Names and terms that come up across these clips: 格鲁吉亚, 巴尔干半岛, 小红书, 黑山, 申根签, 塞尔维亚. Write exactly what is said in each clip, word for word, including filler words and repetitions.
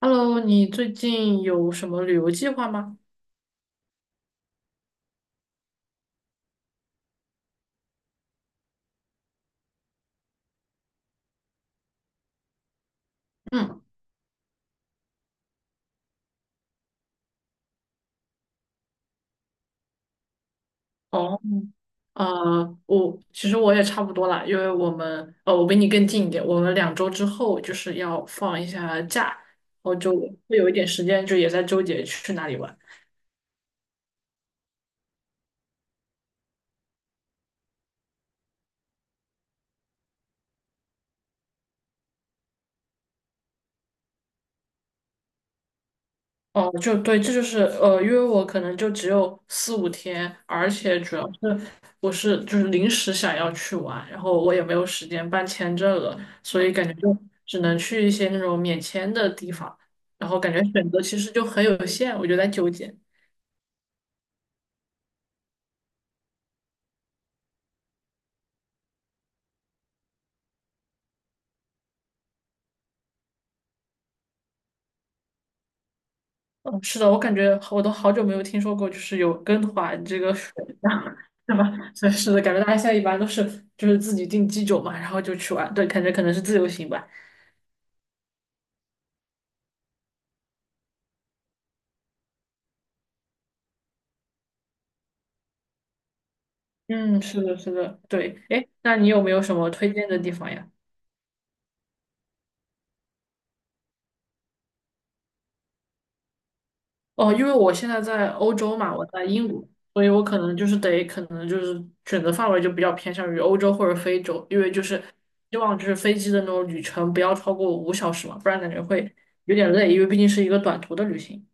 Hello，你最近有什么旅游计划吗？嗯。哦。呃，我其实我也差不多啦，因为我们呃，我比你更近一点，我们两周之后就是要放一下假，然后就会有一点时间，就也在纠结去哪里玩。哦，就对，这就是呃，因为我可能就只有四五天，而且主要是我是就是临时想要去玩，然后我也没有时间办签证了，所以感觉就只能去一些那种免签的地方，然后感觉选择其实就很有限，我就在纠结。嗯，是的，我感觉我都好久没有听说过，就是有跟团这个选项，是吧？所以是的，感觉大家现在一般都是就是自己订机酒嘛，然后就去玩，对，感觉可能是自由行吧。嗯，是的，是的，对。哎，那你有没有什么推荐的地方呀？哦，因为我现在在欧洲嘛，我在英国，所以我可能就是得，可能就是选择范围就比较偏向于欧洲或者非洲，因为就是希望就是飞机的那种旅程不要超过五小时嘛，不然感觉会有点累，因为毕竟是一个短途的旅行。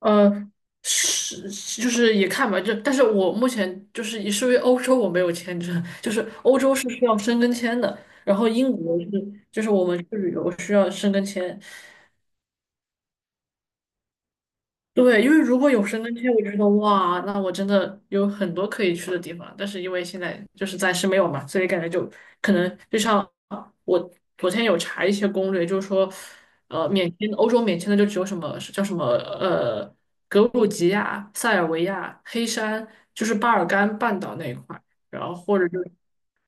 呃，是就是也看吧，就但是我目前就是也是因为欧洲我没有签证，就是欧洲是需要申根签的，然后英国是就是我们去旅游需要申根签，对，因为如果有申根签，我就觉得哇，那我真的有很多可以去的地方。但是因为现在就是暂时没有嘛，所以感觉就可能就像我昨天有查一些攻略，就是说，呃，免签欧洲免签的就只有什么叫什么呃格鲁吉亚、塞尔维亚、黑山，就是巴尔干半岛那一块，然后或者就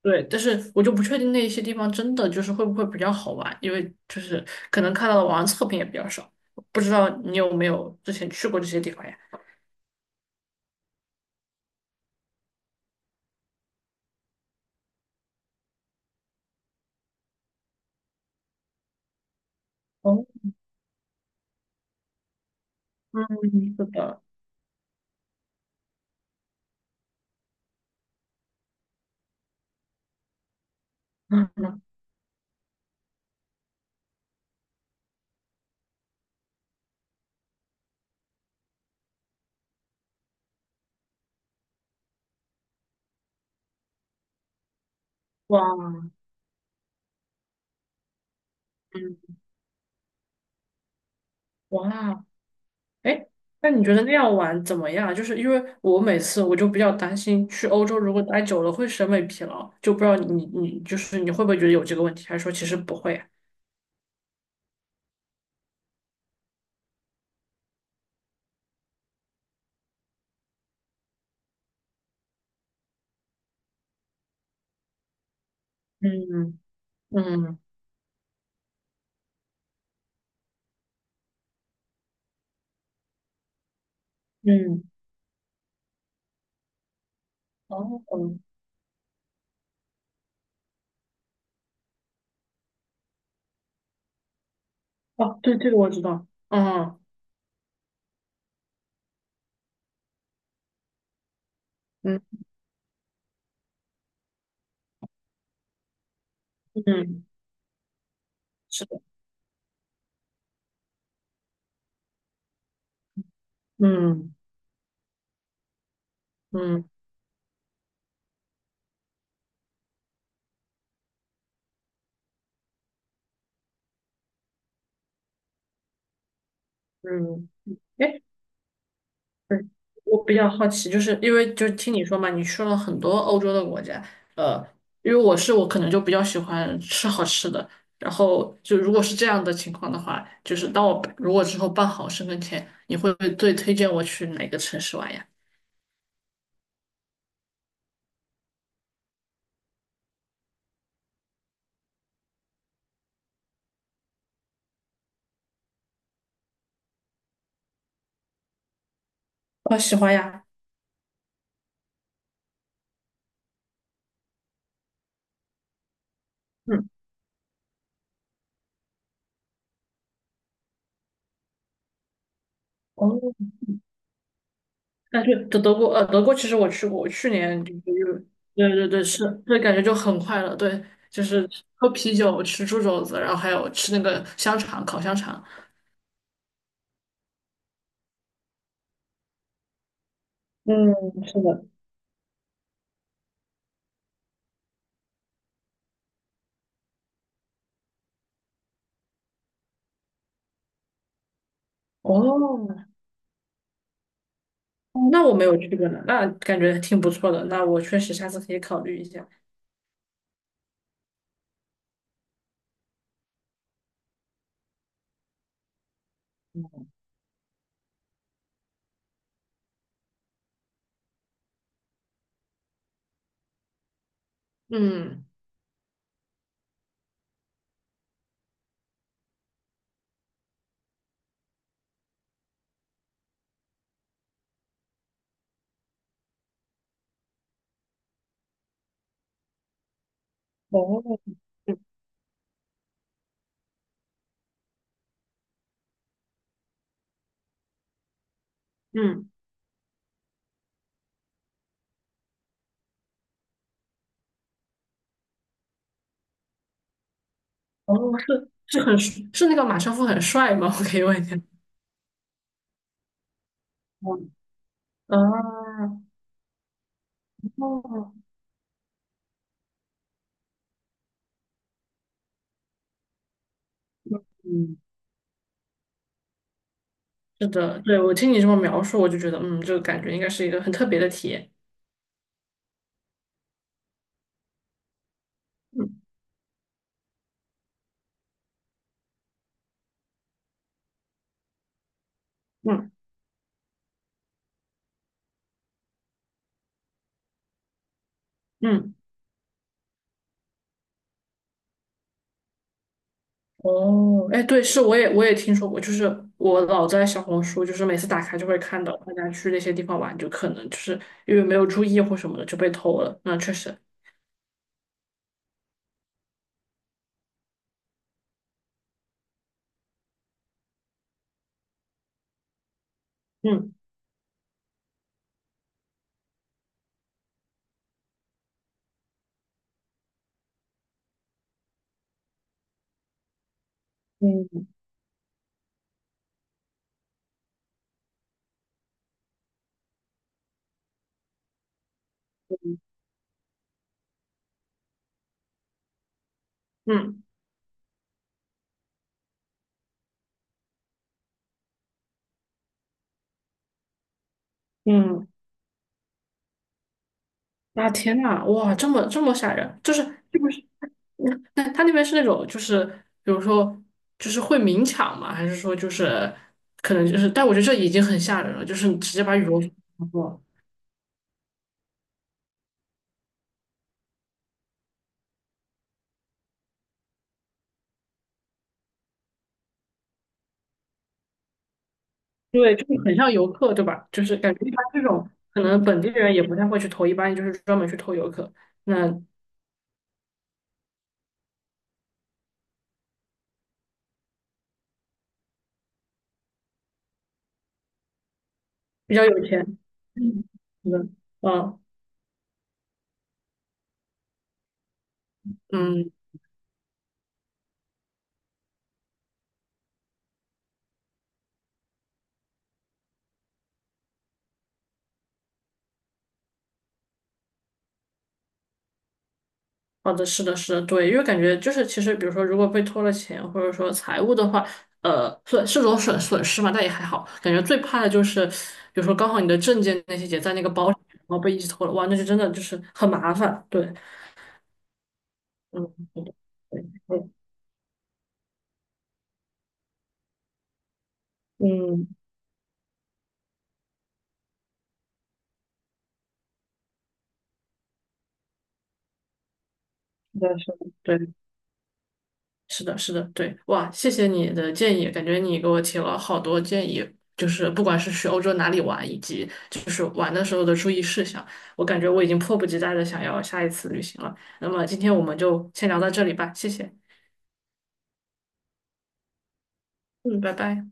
对，但是我就不确定那些地方真的就是会不会比较好玩，因为就是可能看到的网上测评也比较少，不知道你有没有之前去过这些地方呀？哦。嗯。是的。嗯。哇。嗯。哇。哎，那你觉得那样玩怎么样？就是因为我每次我就比较担心去欧洲如果待久了会审美疲劳，就不知道你你就是你会不会觉得有这个问题，还是说其实不会啊？嗯嗯嗯。哦。嗯哦，对，这个我知道，嗯。嗯，嗯，是的，嗯嗯嗯。哎。嗯。我比较好奇，就是因为就听你说嘛，你去了很多欧洲的国家，呃，因为我是我可能就比较喜欢吃好吃的，然后就如果是这样的情况的话，就是当我如果之后办好身份签，你会不会最推荐我去哪个城市玩呀？我喜欢呀。嗯。哦。但是德德国呃德国其实我去过，我去年就是对对对是，对感觉就很快乐，对，就是喝啤酒、吃猪肘子，然后还有吃那个香肠，烤香肠。嗯，是的。哦，那我没有去过呢，那感觉挺不错的，那我确实下次可以考虑一下。嗯。哦。嗯。嗯。哦，是是很是那个马车夫很帅吗？我可以问一下。哦。啊。哦。嗯。是的，对，我听你这么描述，我就觉得，嗯，这个感觉应该是一个很特别的体验。嗯嗯嗯。哦，哎，对，是，我也我也听说过，就是我老在小红书，就是每次打开就会看到大家去那些地方玩，就可能就是因为没有注意或什么的就被偷了。那确实。嗯嗯嗯嗯。啊，天呐，哇，这么这么吓人，就是是不是但他那边是那种，就是比如说，就是会明抢吗？还是说就是可能就是？但我觉得这已经很吓人了，就是你直接把羽绒服拿过，对，就是很像游客，对吧？就是感觉一般这种可能本地人也不太会去偷，一般就是专门去偷游客。那比较有钱。嗯，是的。嗯嗯。好的，是的，是的，对，因为感觉就是，其实比如说，如果被拖了钱，或者说财务的话，呃，损是种损损失嘛，但也还好。感觉最怕的就是，比如说刚好你的证件那些也在那个包里，然后被一起偷了，哇，那就真的就是很麻烦。对。嗯，是的对。嗯对。嗯，是的是的对。是的，是的，对，哇，谢谢你的建议，感觉你给我提了好多建议，就是不管是去欧洲哪里玩，以及就是玩的时候的注意事项，我感觉我已经迫不及待的想要下一次旅行了。那么今天我们就先聊到这里吧，谢谢。嗯，拜拜。